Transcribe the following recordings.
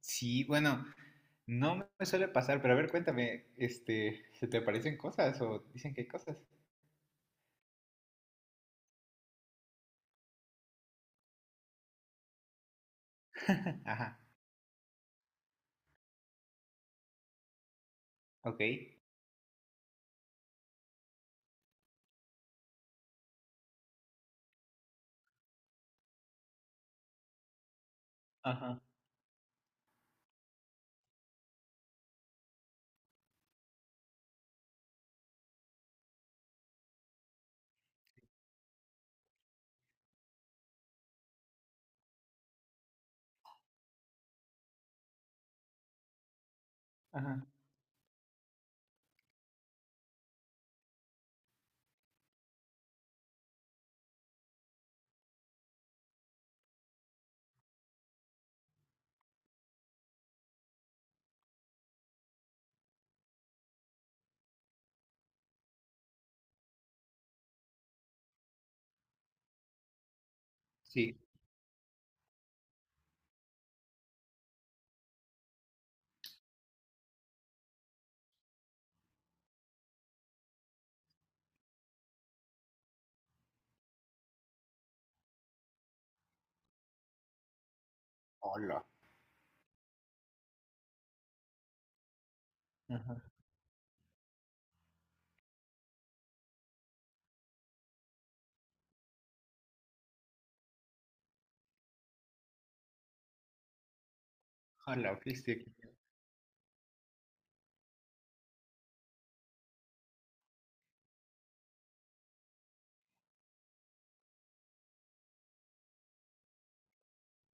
Sí, bueno, no me suele pasar, pero a ver, cuéntame, ¿se te aparecen cosas o dicen que hay cosas? Ajá, ok. Ajá, ajá. Sí. Hola. Ajá. Hola, ¿qué estoy aquí?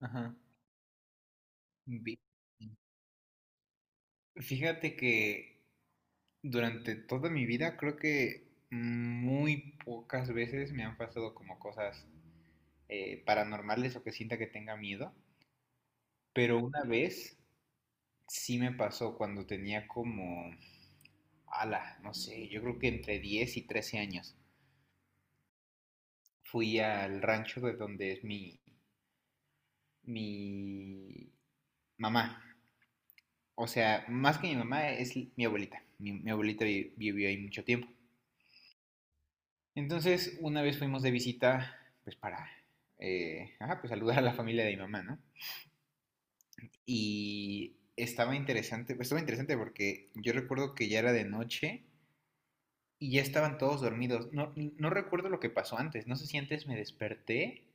Ajá. Bien. Fíjate que durante toda mi vida creo que muy pocas veces me han pasado como cosas paranormales o que sienta que tenga miedo, pero una vez sí me pasó cuando tenía como ala, no sé, yo creo que entre 10 y 13 años. Fui al rancho de donde es mi mamá. O sea, más que mi mamá, es mi abuelita. Mi abuelita vivió ahí mucho tiempo. Entonces, una vez fuimos de visita, pues para, ajá, pues saludar a la familia de mi mamá, ¿no? Y estaba interesante, pues, estaba interesante porque yo recuerdo que ya era de noche y ya estaban todos dormidos. No, no recuerdo lo que pasó antes, no sé si antes me desperté.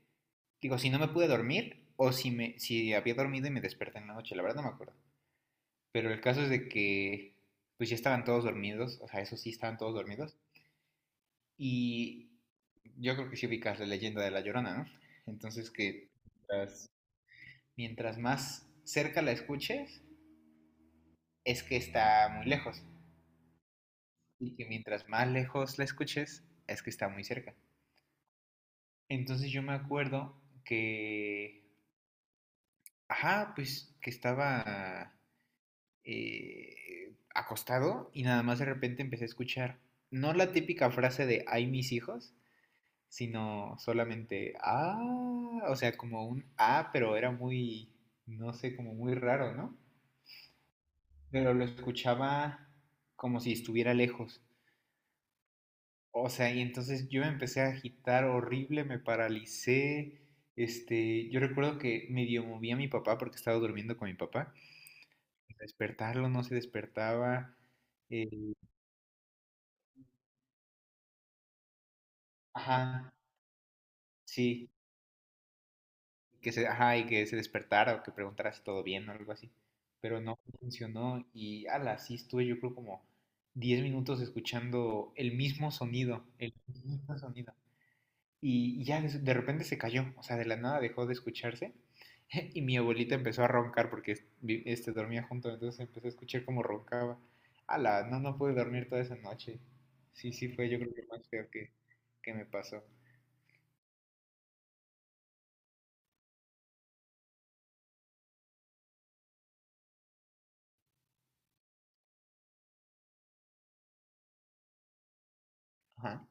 Digo, si no me pude dormir o si había dormido y me desperté en la noche, la verdad no me acuerdo. Pero el caso es de que pues ya estaban todos dormidos, o sea, eso sí, estaban todos dormidos. Y yo creo que sí ubicas la leyenda de la llorona, ¿no? Entonces que mientras, mientras más cerca la escuches, es que está muy lejos. Y que mientras más lejos la escuches, es que está muy cerca. Entonces yo me acuerdo que, ajá, pues que estaba acostado y nada más de repente empecé a escuchar no la típica frase de ay mis hijos, sino solamente ah, o sea, como un ah, pero era muy, no sé, como muy raro, ¿no? Pero lo escuchaba como si estuviera lejos. O sea, y entonces yo me empecé a agitar horrible, me paralicé. Yo recuerdo que medio movía a mi papá porque estaba durmiendo con mi papá. Despertarlo no se despertaba. eh, ajá. Sí, que se, ajá, y que se despertara o que preguntara si todo bien o algo así. Pero no funcionó y ala, sí estuve yo creo como 10 minutos escuchando el mismo sonido, el mismo sonido. Y ya de repente se cayó, o sea, de la nada dejó de escucharse y mi abuelita empezó a roncar porque dormía junto, entonces empecé a escuchar cómo roncaba. Ala, no, no pude dormir toda esa noche. Sí, sí, fue yo creo que lo más feo que me pasó. Ajá.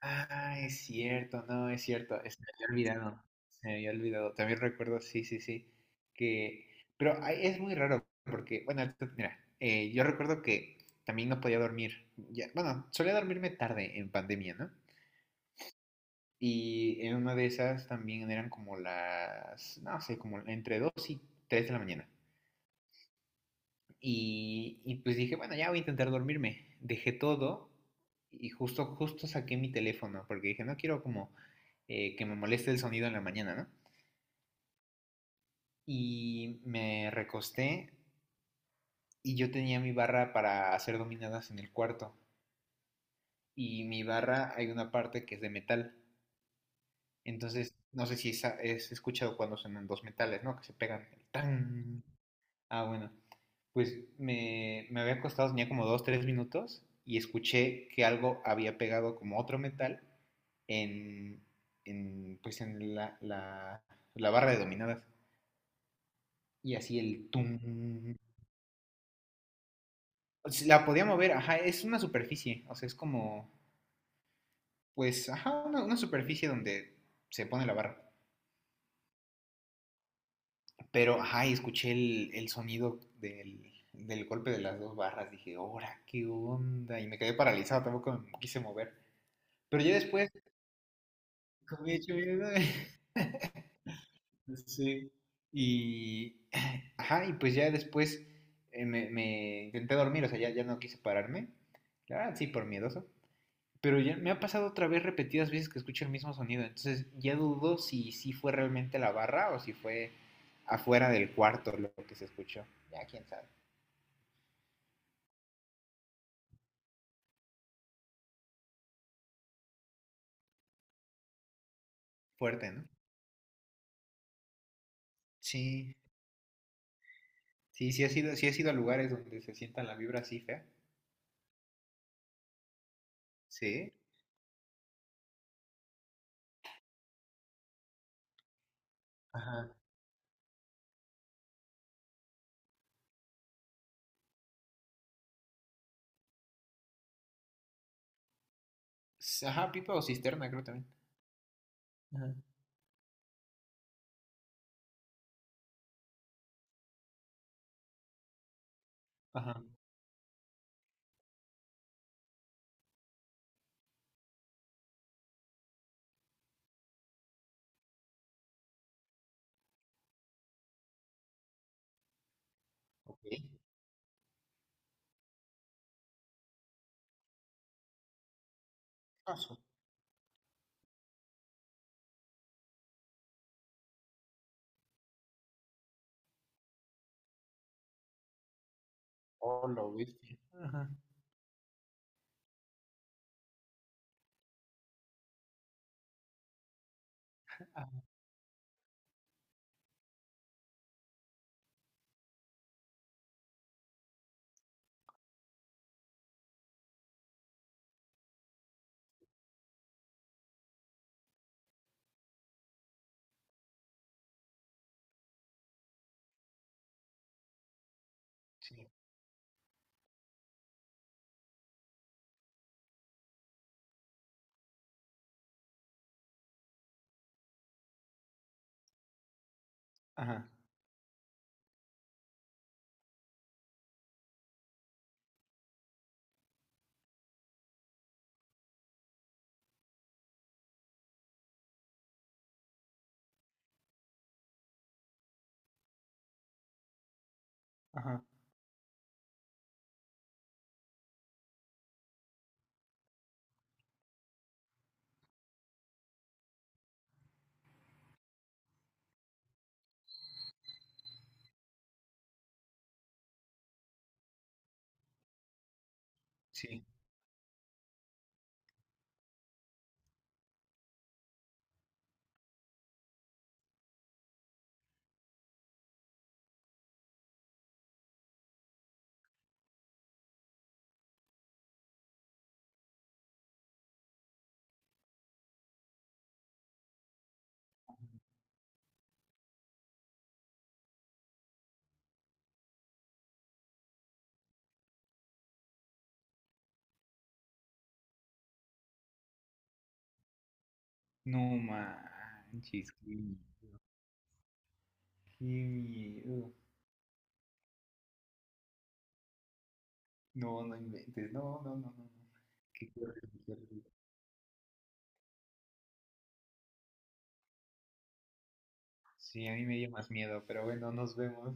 Ah, es cierto, no, es cierto, se me había olvidado, se me había olvidado. También recuerdo, sí, sí, sí, que, pero ay, es muy raro porque, bueno, mira, yo recuerdo que también no podía dormir, ya, bueno, solía dormirme tarde en pandemia, ¿no? Y en una de esas también eran como las, no sé, como entre 2 y 3 de la mañana. Y pues dije, bueno, ya voy a intentar dormirme. Dejé todo y justo saqué mi teléfono porque dije, no quiero como que me moleste el sonido en la mañana, ¿no? Y me recosté y yo tenía mi barra para hacer dominadas en el cuarto. Y mi barra hay una parte que es de metal. Entonces, no sé si es escuchado cuando suenan dos metales, ¿no? Que se pegan tan, Ah, bueno. Pues me había acostado, tenía como 2, 3 minutos y escuché que algo había pegado como otro metal en, pues en la barra de dominadas. Y así el tum. O sea, la podía mover, ajá, es una superficie, o sea, es como, pues, ajá, una superficie donde se pone la barra. Pero, ajá, y escuché el sonido del golpe de las dos barras, dije, ¡hora, qué onda! Y me quedé paralizado, tampoco me quise mover. Pero ya después comí hecho mierda. Sí. Y, ajá, y pues ya después me intenté dormir, o sea, ya, ya no quise pararme. La verdad, sí, por miedoso. Pero ya me ha pasado otra vez repetidas veces que escucho el mismo sonido. Entonces ya dudo si fue realmente la barra o si fue afuera del cuarto lo que se escuchó. Ya quién sabe. Fuerte, ¿no? Sí. Sí, sí ha sido a lugares donde se sienta la vibra así fea. Sí. Ajá. Ajá, pipa o cisterna, creo también. Ajá. Ajá, ok. ¿Qué pasó? Oh, lo viste. Ajá, ah, sí, ajá, ajá, sí. No manches, qué miedo. Qué miedo. No, no inventes. No, no, no, no, no. Qué horrible, qué horrible. Sí, a mí me dio más miedo, pero bueno, nos vemos.